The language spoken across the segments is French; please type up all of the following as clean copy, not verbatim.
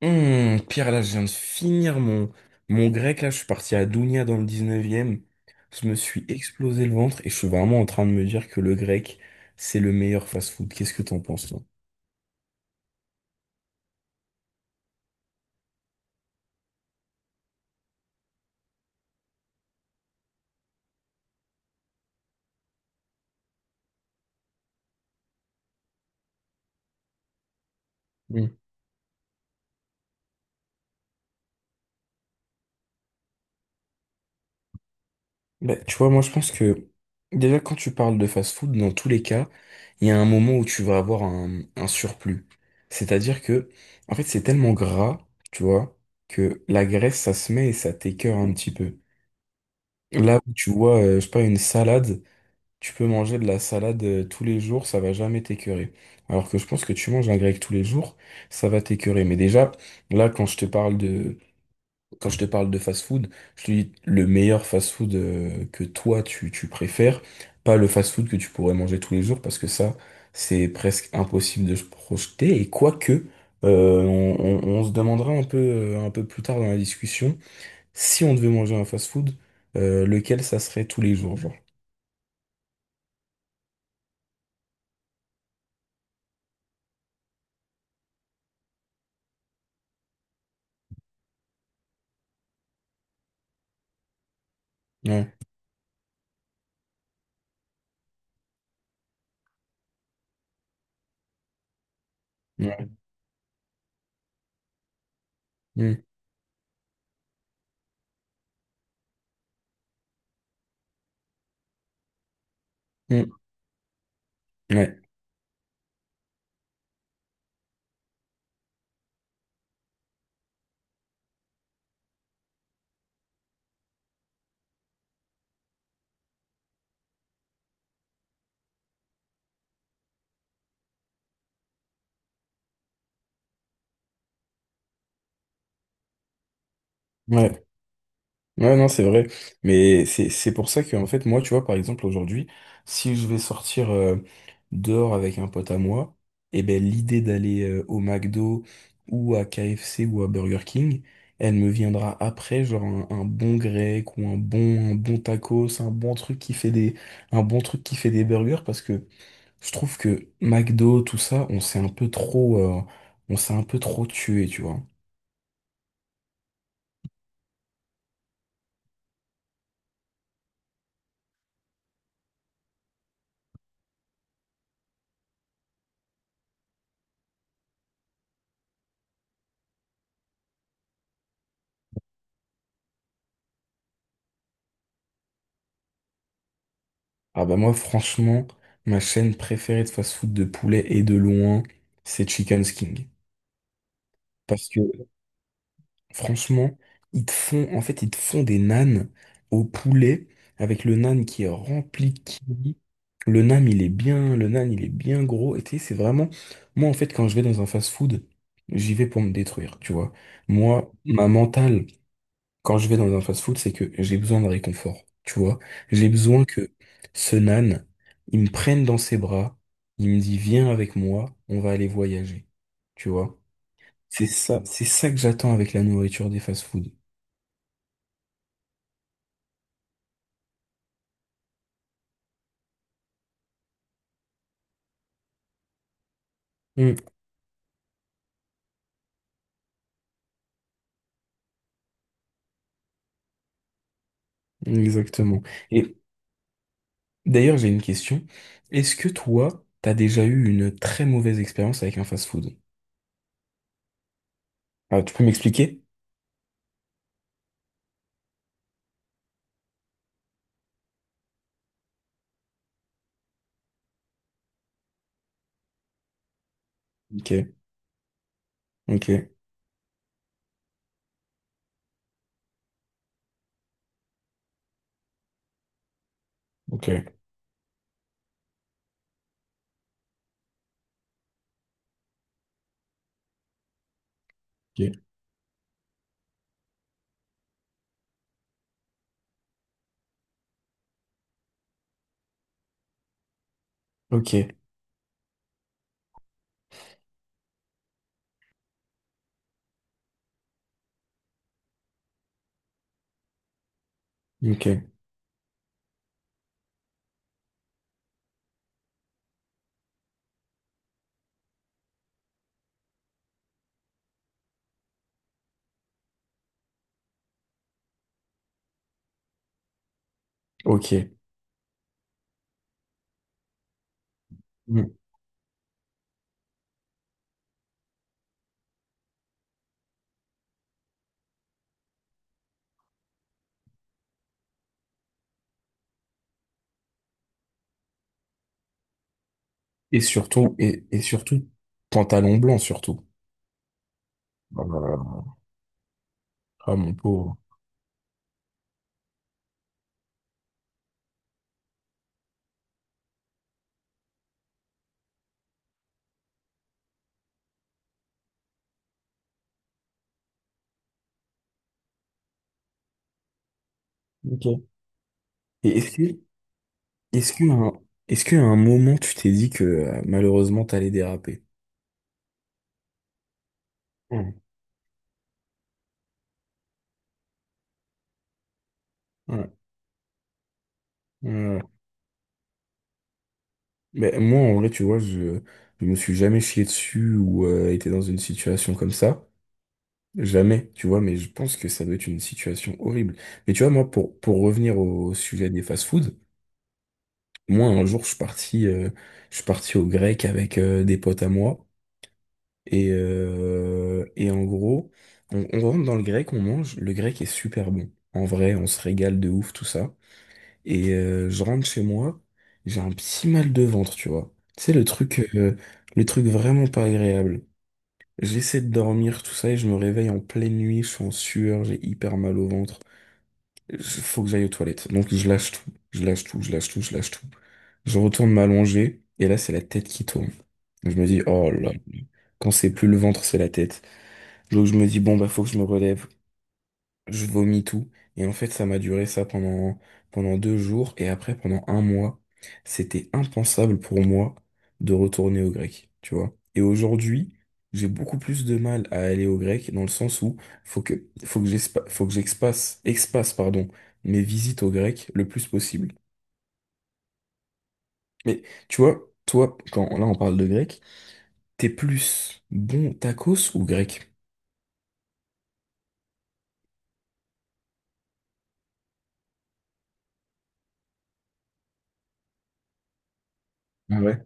Hmm, Pierre, là, je viens de finir mon grec. Là, je suis parti à Dounia dans le 19e. Je me suis explosé le ventre et je suis vraiment en train de me dire que le grec, c'est le meilleur fast-food. Qu'est-ce que t'en penses, toi? Mm. Bah, tu vois, moi, je pense que déjà, quand tu parles de fast-food, dans tous les cas, il y a un moment où tu vas avoir un surplus. C'est-à-dire que, en fait, c'est tellement gras, tu vois, que la graisse, ça se met et ça t'écœure un petit peu. Là où tu vois, je sais pas, une salade. Tu peux manger de la salade tous les jours, ça va jamais t'écœurer. Alors que je pense que tu manges un grec tous les jours, ça va t'écœurer. Mais déjà, là, quand je te parle de fast-food, je te dis le meilleur fast-food que tu préfères, pas le fast-food que tu pourrais manger tous les jours, parce que ça, c'est presque impossible de se projeter. Et quoique, on se demandera un peu plus tard dans la discussion, si on devait manger un fast-food, lequel ça serait tous les jours, genre. Ouais, ouais. Mm. Ouais, ouais, ouais, non, c'est vrai. Mais c'est pour ça que, en fait, moi, tu vois, par exemple, aujourd'hui, si je vais sortir dehors avec un pote à moi, eh ben, l'idée d'aller au McDo ou à KFC ou à Burger King, elle me viendra après, genre un bon grec ou un bon tacos, un bon truc qui fait des burgers, parce que je trouve que McDo, tout ça, on s'est un peu trop tué, tu vois. Ah bah moi franchement, ma chaîne préférée de fast-food de poulet et de loin, c'est Chicken King. Parce que franchement, ils te font des nanes au poulet avec le nan qui est rempli de kiwi. Le nan, il est bien gros. Et tu sais, c'est vraiment, moi en fait, quand je vais dans un fast-food, j'y vais pour me détruire, tu vois. Moi, ma mentale quand je vais dans un fast-food, c'est que j'ai besoin de réconfort, tu vois. J'ai besoin que ce nan, il me prenne dans ses bras, il me dit, viens avec moi, on va aller voyager, tu vois. C'est ça que j'attends avec la nourriture des fast-food. Mm, exactement. Et d'ailleurs, j'ai une question. Est-ce que toi, t'as déjà eu une très mauvaise expérience avec un fast-food? Ah, tu peux m'expliquer? Ok, ok, ok, ok, ok, ok, ok. Et surtout, pantalon blanc, surtout. Oh là là. Ah, mon pauvre. Ok. Et est-ce que, est-ce que, un- est-ce qu'à un moment, tu t'es dit que malheureusement, t'allais déraper? Ouais. Ouais. Ouais. Mais moi, en vrai, tu vois, je me suis jamais chié dessus ou été dans une situation comme ça. Jamais, tu vois, mais je pense que ça doit être une situation horrible. Mais tu vois, moi, pour revenir au sujet des fast-foods, moi, un jour, je suis parti au grec avec des potes à moi. Et en gros, on rentre dans le grec, on mange. Le grec est super bon. En vrai, on se régale de ouf, tout ça. Et je rentre chez moi, j'ai un petit mal de ventre, tu vois. Tu sais, le truc vraiment pas agréable. J'essaie de dormir, tout ça, et je me réveille en pleine nuit, je suis en sueur, j'ai hyper mal au ventre. Faut que j'aille aux toilettes. Donc je lâche tout, je lâche tout, je lâche tout, je lâche tout. Je retourne m'allonger, et là, c'est la tête qui tourne. Je me dis, oh là, quand c'est plus le ventre, c'est la tête. Donc je me dis, bon, bah faut que je me relève. Je vomis tout. Et en fait, ça m'a duré ça pendant, pendant deux jours. Et après, pendant un mois, c'était impensable pour moi de retourner au grec, tu vois. Et aujourd'hui, j'ai beaucoup plus de mal à aller au grec dans le sens où faut que expasse, pardon, mes visites au grec le plus possible. Mais tu vois, toi, quand là on parle de grec, t'es plus bon tacos ou grec? Ah ouais.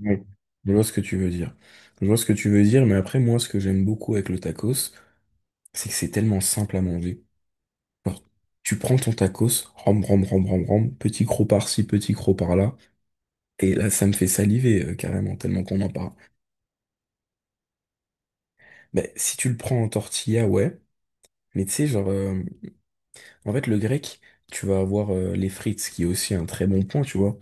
Oui, je vois ce que tu veux dire. Je vois ce que tu veux dire, mais après, moi, ce que j'aime beaucoup avec le tacos, c'est que c'est tellement simple à manger. Tu prends ton tacos, ram, ram, ram, ram, ram, petit croc par-ci, petit croc par-là, et là, ça me fait saliver, carrément, tellement qu'on en parle. Ben, si tu le prends en tortilla, ouais, mais tu sais, le grec, tu vas avoir les frites, ce qui est aussi un très bon point, tu vois.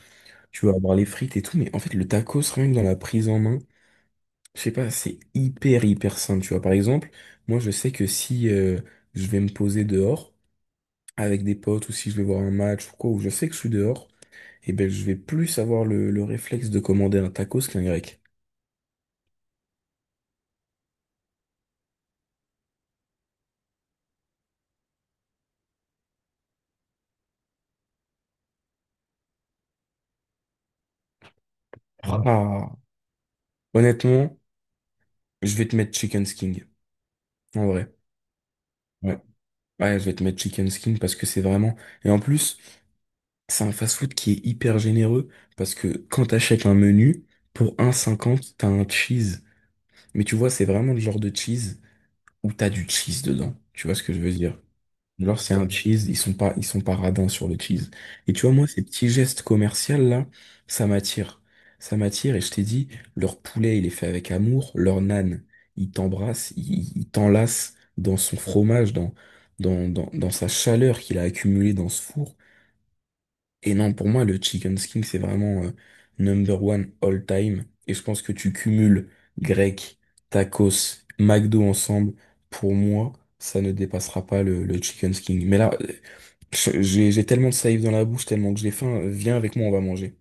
Tu vas avoir les frites et tout, mais en fait, le tacos, rien que dans la prise en main, je sais pas, c'est hyper hyper sain, tu vois. Par exemple, moi je sais que si je vais me poser dehors avec des potes ou si je vais voir un match ou quoi, où je sais que je suis dehors, et ben je vais plus avoir le réflexe de commander un tacos qu'un grec. Ah. Honnêtement, je vais te mettre chicken skin, en vrai. Ouais. Ouais, je vais te mettre chicken skin parce que c'est vraiment... Et en plus, c'est un fast-food qui est hyper généreux parce que quand t'achètes un menu, pour 1,50 t'as un cheese. Mais tu vois, c'est vraiment le genre de cheese où t'as du cheese dedans. Tu vois ce que je veux dire? Genre, c'est un cheese, ils sont pas radins sur le cheese. Et tu vois, moi, ces petits gestes commerciaux là, ça m'attire. Ça m'attire et je t'ai dit, leur poulet, il est fait avec amour, leur nan il t'embrasse, il t'enlace dans son fromage, dans sa chaleur qu'il a accumulée dans ce four. Et non, pour moi, le chicken skin, c'est vraiment number one all time. Et je pense que tu cumules grec, tacos, McDo ensemble. Pour moi, ça ne dépassera pas le chicken skin. Mais là, j'ai tellement de salive dans la bouche, tellement que j'ai faim. Viens avec moi, on va manger.